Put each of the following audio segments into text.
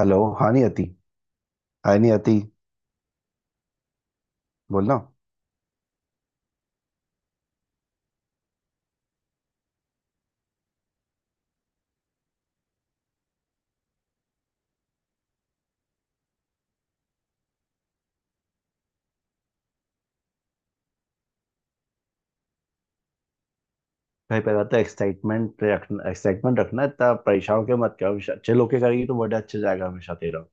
Hello. हाँ, नहीं आती, हाय नहीं आती, बोलना। भाई पहले बात तो एक्साइटमेंट रखना, एक्साइटमेंट रखना। इतना परेशान होकर मत करो, हमेशा अच्छे लोग के करेगी तो बर्थडे अच्छे जाएगा हमेशा तेरा।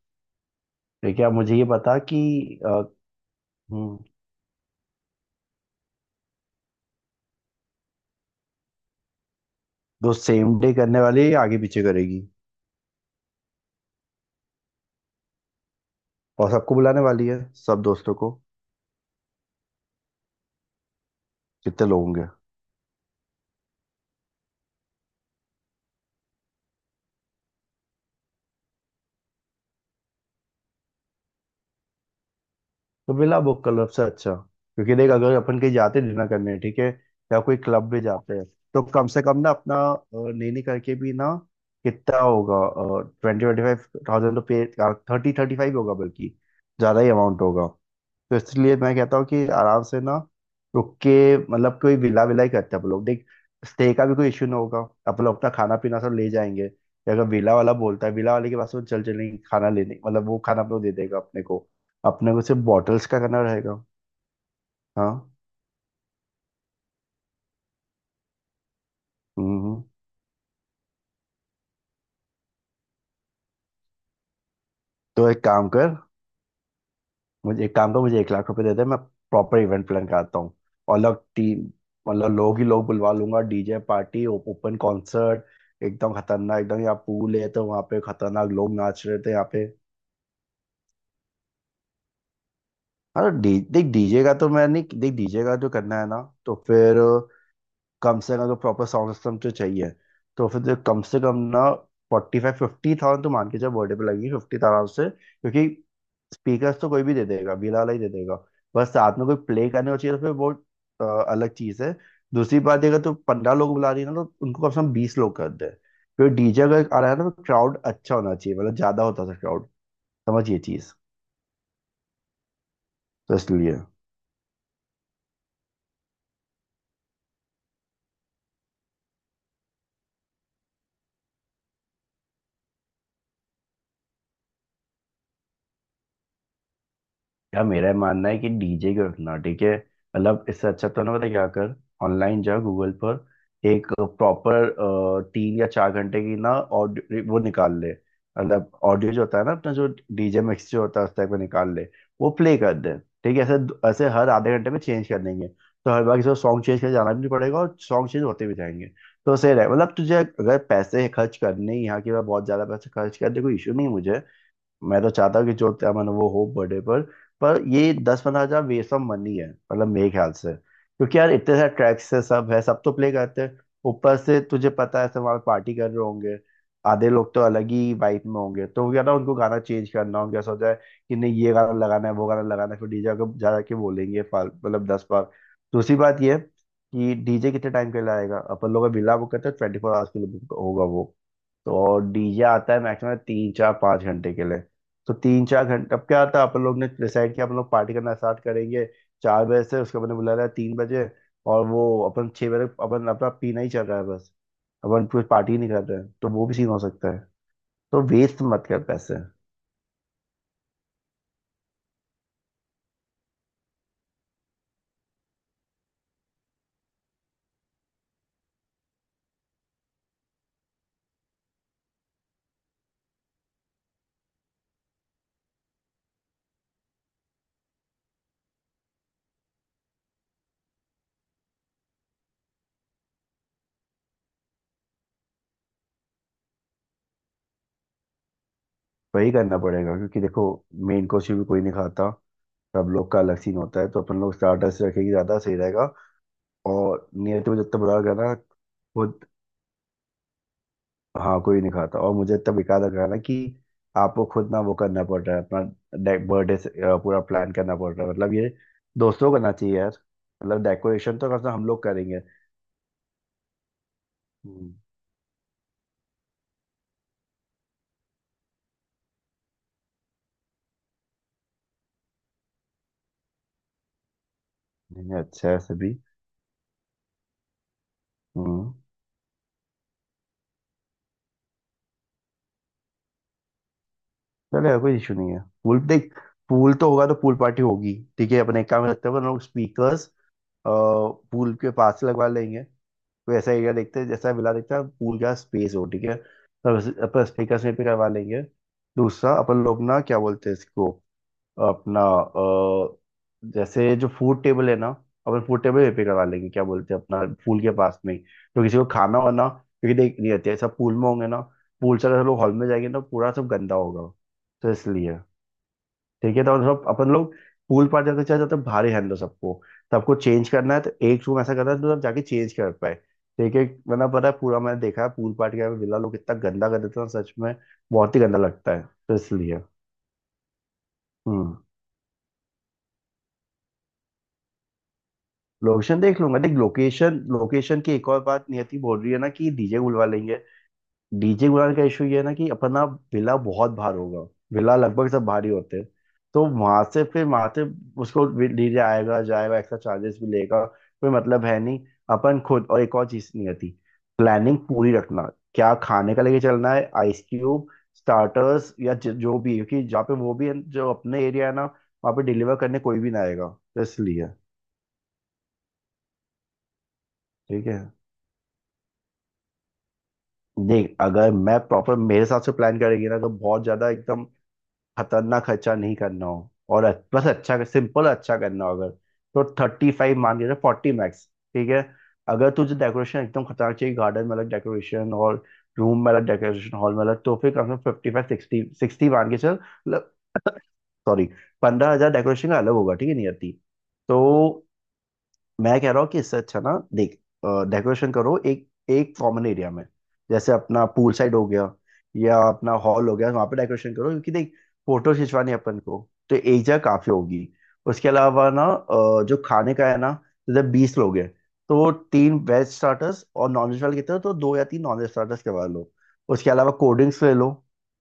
देखिए, आप मुझे ये बता कि अ, हम्म, दोस्त सेम डे करने वाली है या आगे पीछे करेगी? और सबको बुलाने वाली है? सब दोस्तों को? कितने लोग होंगे? तो बिला बुक क्लब से अच्छा, क्योंकि देख अगर अपन कहीं जाते डिनर करने, ठीक है, या कोई क्लब में जाते हैं, तो कम से कम ना अपना नहीं नहीं करके भी ना कितना होगा? ट्वेंटी ट्वेंटी फाइव थाउजेंड तो पे, थर्टी थर्टी फाइव होगा, बल्कि ज्यादा ही अमाउंट होगा। तो इसलिए मैं कहता हूँ कि आराम से ना, रुक के, मतलब कोई विला विला ही करते हैं हम लोग, देख स्टे का भी कोई इश्यू ना होगा। अपन लोग अपना खाना पीना सब ले जाएंगे, या अगर विला वाला बोलता है, विला वाले के पास वो चल चलेंगे खाना लेने, मतलब वो खाना अपने को दे देगा अपने को। अपने को सिर्फ बॉटल्स का करना रहेगा। हाँ। हम्म हम्म। तो एक काम कर, मुझे एक काम करो, मुझे ₹1,00,000 दे दे, मैं प्रॉपर इवेंट प्लान कराता हूँ, और लोग टीम, मतलब लोग ही लोग बुलवा लूंगा, डीजे पार्टी, ओपन कॉन्सर्ट, एकदम खतरनाक एकदम। यहाँ पूल है तो वहाँ पे खतरनाक लोग नाच रहे थे यहाँ पे। हाँ तो डी देख डीजे का तो मैं नहीं, देख डीजे का जो करना है ना, तो फिर कम से कम अगर प्रॉपर साउंड सिस्टम तो चाहिए, तो फिर तो कम से कम ना फोर्टी फाइव फिफ्टी थाउजेंड तो मान के चलो, बर्थडे पे लगेगी फिफ्टी आराम से, क्योंकि स्पीकर्स तो कोई भी दे देगा, बीला वाला ही दे देगा। बस साथ में कोई प्ले करने को चाहिए, तो फिर वो अलग चीज़ है। दूसरी बात ये, अगर तो 15 लोग बुला रही है ना, तो उनको कम से कम 20 लोग कर दे। फिर डीजे अगर आ रहा है ना तो क्राउड अच्छा होना चाहिए, मतलब ज़्यादा होता है क्राउड। समझिए चीज़, तो इसलिए यार मेरा ये मानना है कि डीजे क्यों रखना? ठीक है, मतलब इससे अच्छा तो ना पता क्या कर, ऑनलाइन जा गूगल पर, एक प्रॉपर 3 या 4 घंटे की ना ऑडियो वो निकाल ले, मतलब ऑडियो जो होता है ना अपना, जो डीजे मिक्स जो होता है उस टाइप का निकाल ले, वो प्ले कर दे। ठीक है, ऐसे ऐसे हर आधे घंटे में चेंज कर देंगे, तो हर बार किसी सॉन्ग चेंज कर जाना भी नहीं पड़ेगा, और सॉन्ग चेंज होते भी जाएंगे। तो सही रहे, मतलब तुझे अगर पैसे खर्च करने ही, यहाँ की बार बहुत ज्यादा पैसे खर्च कर दे, कोई इशू नहीं मुझे। मैं तो चाहता हूँ कि जो क्या मन वो हो बर्थडे पर ये 10-15 हजार वेस्ट ऑफ मनी है मतलब मेरे ख्याल से, क्योंकि यार इतने सारे ट्रैक्स है, सब है, सब तो प्ले करते हैं। ऊपर से तुझे पता है सब वहाँ पार्टी कर रहे होंगे, आधे लोग तो अलग ही वाइब में होंगे, तो क्या ना उनको गाना चेंज करना, उनका ऐसा हो जाए कि नहीं ये गाना लगाना है, वो गाना लगाना है, फिर डीजे को जा के बोलेंगे मतलब 10 बार। दूसरी बात ये है कि डीजे कितने टाइम के लिए आएगा? अपन लोग बिल्ला बुक करते हैं ट्वेंटी फोर आवर्स के लिए, book होगा वो। तो और डीजे आता है मैक्सिमम 3 4 5 घंटे के लिए, तो 3-4 घंटे, अब क्या था अपन लोग ने डिसाइड किया अपन लोग पार्टी करना स्टार्ट करेंगे 4 बजे से, उसके बाद ने बुला रहा है 3 बजे, और वो अपन 6 बजे, अपन अपना पीना ही चल रहा है बस, अपन कुछ पार्टी नहीं कर रहे हैं, तो वो भी सीन हो सकता है। तो वेस्ट मत कर पैसे। वही करना पड़ेगा, क्योंकि देखो मेन कोर्स भी कोई नहीं खाता, सब लोग का अलग सीन होता है, तो अपन लोग स्टार्टर्स रखेंगे ज्यादा, सही रहेगा। और नियति में जितना बुला रखा ना, वो, हाँ कोई नहीं खाता। और मुझे तब याद रखना कि आपको खुद ना वो करना पड़ रहा है, अपना बर्थडे से पूरा प्लान करना पड़ रहा है, मतलब ये दोस्तों को करना चाहिए यार, मतलब डेकोरेशन तो कम से कम हम लोग करेंगे। हम्म, नहीं अच्छा है सभी। हम्म। चलो यार, कोई इशू नहीं है। पूल देख, पूल तो होगा तो पूल पार्टी होगी, ठीक है। अपने एक काम करते हैं, अपन लोग स्पीकर्स पूल के पास लगवा लेंगे। कोई ऐसा एरिया देखते हैं, जैसा विला देखते हैं पूल का स्पेस हो, ठीक है, तो अपन स्पीकर से पे करवा लेंगे। दूसरा अपन लोग ना क्या बोलते हैं इसको, अपना जैसे जो फूड टेबल है ना, अपन फूड टेबल पे करवा लेंगे, क्या बोलते हैं, अपना पूल के पास में ही। तो किसी को खाना वाना, क्योंकि देख नहीं रहते, सब पूल में होंगे ना, पूल से अगर हम लोग हॉल में जाएंगे ना, पूरा सब गंदा होगा, तो इसलिए ठीक है, तो मतलब अपन लोग पूल पार जाते चले जाते हैं, भारी हैंडल सबको। तो आपको चेंज करना है, तो एक रूम ऐसा करना है तो आप जाके चेंज कर पाए। ठीक है, वरना पता है, पूरा मैंने देखा है पूल पार्टी का, विला लोग इतना गंदा कर देते हैं ना, सच में बहुत ही गंदा लगता है, तो इसलिए। हम्म। लोकेशन देख लूंगा। देख लोकेशन, लोकेशन की एक और बात, नियति बोल रही है ना कि डीजे बुलवा लेंगे, डीजे गुलाल का इशू ये है ना कि अपना विला बहुत भार होगा, विला लगभग सब भारी होते हैं, तो वहां से, फिर वहां से उसको डीजे आएगा जाएगा, एक्स्ट्रा चार्जेस भी लेगा, कोई मतलब है नहीं। अपन खुद, और एक और चीज नहीं आती, प्लानिंग पूरी रखना, क्या खाने का लेके चलना है, आइस क्यूब, स्टार्टर्स, या जो भी, क्योंकि जहाँ पे, वो भी है जो अपने एरिया है ना, वहाँ पे डिलीवर करने कोई भी ना आएगा, तो इसलिए। ठीक है, देख अगर मैं प्रॉपर मेरे हिसाब से प्लान करेगी ना, तो बहुत ज्यादा एकदम खतरनाक खर्चा नहीं करना हो और बस अच्छा सिंपल अच्छा करना हो अगर, तो थर्टी फाइव मान के फोर्टी मैक्स, ठीक है। अगर तुझे डेकोरेशन एकदम खतरनाक चाहिए, गार्डन में अलग डेकोरेशन और रूम में अलग डेकोरेशन, हॉल में अलग, तो फिर कम से कम फिफ्टी फाइव सिक्सटी सिक्सटी मान के चल, मतलब, सॉरी, 15,000 डेकोरेशन का अलग होगा, ठीक है, नहीं आती। तो मैं कह रहा हूँ कि इससे अच्छा ना, देख डेकोरेशन करो एक एक कॉमन एरिया में, जैसे अपना पूल साइड हो गया या अपना हॉल हो गया, वहां पे डेकोरेशन करो, क्योंकि देख फोटो खिंचवानी है अपन को, तो एक जगह काफी होगी। उसके अलावा ना जो खाने का है ना, जैसे 20 लोग हैं, तो तीन वेज स्टार्टर्स और नॉन वेज वाले कितने, तो दो या तीन नॉन वेज स्टार्टर्स करवा लो। उसके अलावा कोल्ड ड्रिंक्स ले लो,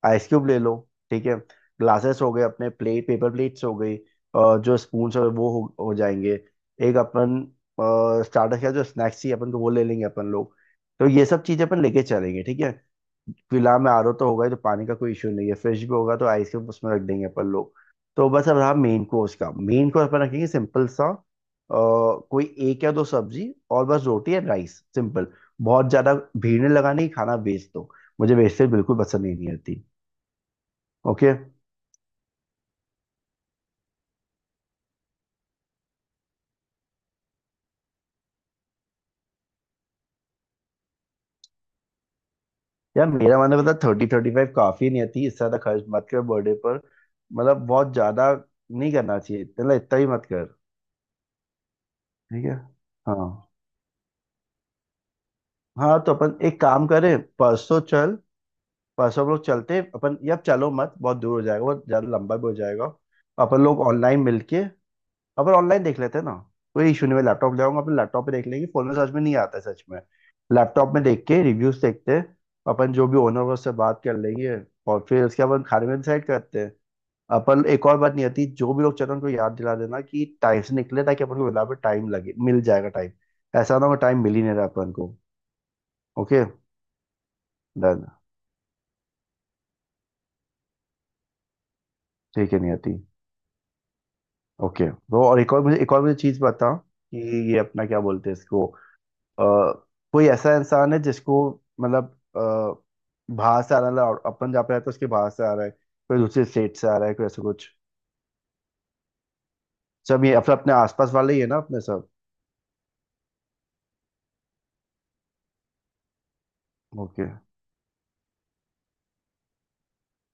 आइस क्यूब ले लो, ठीक है। ग्लासेस हो गए, अपने प्लेट पेपर प्लेट्स हो गई, जो स्पून हो गए वो हो जाएंगे। एक अपन स्टार्टर का जो स्नैक्स ही अपन को, वो ले लेंगे अपन लोग, तो ये सब चीजें अपन लेके चलेंगे, ठीक है। फिलहाल में आरओ तो होगा ही, तो पानी का कोई इशू नहीं है, फ्रिज भी होगा तो आइसक्रीम उसमें रख देंगे अपन लोग। तो बस अब रहा मेन कोर्स का, मेन कोर्स अपन रखेंगे सिंपल सा कोई एक या दो सब्जी, और बस रोटी एंड राइस, सिंपल। बहुत ज्यादा भीड़ नहीं लगानी, खाना वेस्ट दो, मुझे वेस्टेज बिल्कुल पसंद ही नहीं आती। ओके। यार मेरा मानना पता, थर्टी थर्टी फाइव काफी, नहीं आती इससे ज्यादा खर्च मत कर बर्थडे पर। मतलब बहुत ज्यादा नहीं करना चाहिए, मतलब इतना ही मत कर। ठीक है। हाँ, हाँ तो अपन एक काम करें परसों, चल परसों हम लोग चलते हैं, अपन यार चलो मत, बहुत दूर हो जाएगा, बहुत ज्यादा लंबा भी हो जाएगा। अपन लोग ऑनलाइन मिलके, अपन ऑनलाइन देख लेते हैं ना, कोई इशू नहीं, मैं लैपटॉप ले आऊंगा, अपन लैपटॉप पे देख लेंगे, फोन में समझ में नहीं आता है सच में, लैपटॉप में देख के रिव्यूज देखते हैं। अपन जो भी ओनर उससे बात कर लेंगे, और फिर उसके बाद अपन खाने में डिसाइड करते हैं। पर एक और बात नहीं आती, जो भी लोग चल रहे हैं उनको याद दिला देना कि टाइम से निकले, ताकि अपन को बराबर टाइम लगे, मिल जाएगा टाइम, ऐसा ना हो टाइम मिल ही नहीं रहा अपन को। Okay, done. ठीक है नहीं आती। ओके, वो और एक और मुझे चीज बता कि ये अपना क्या बोलते हैं इसको, अ, कोई ऐसा इंसान है जिसको, मतलब बाहर से आ रहा है, और अपन जहाँ पे रहते हैं उसके बाहर से आ रहा है, कोई दूसरे स्टेट से आ रहा है, कोई ऐसा कुछ? सब ये अपने अपने आसपास वाले ही है ना अपने सब? ओके।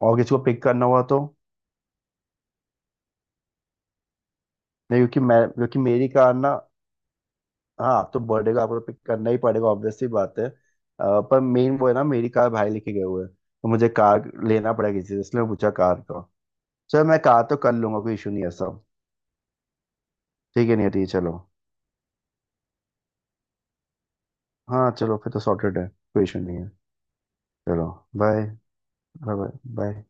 और किसी को पिक करना हुआ तो? नहीं, क्योंकि मेरी कार ना, हाँ तो बर्थडे को आपको पिक करना ही पड़ेगा ऑब्वियसली बात है, पर मेन वो है ना, मेरी कार भाई लेके गए हुए हैं, तो मुझे कार लेना पड़ेगा किसी से, इसलिए मैं पूछा कार का। चलो मैं कार तो कर लूंगा, कोई इशू नहीं है सब। ठीक है, नहीं ठीक है चलो। हाँ, चलो फिर तो सॉर्टेड है, कोई इशू नहीं है। चलो, बाय। बाय। बाय।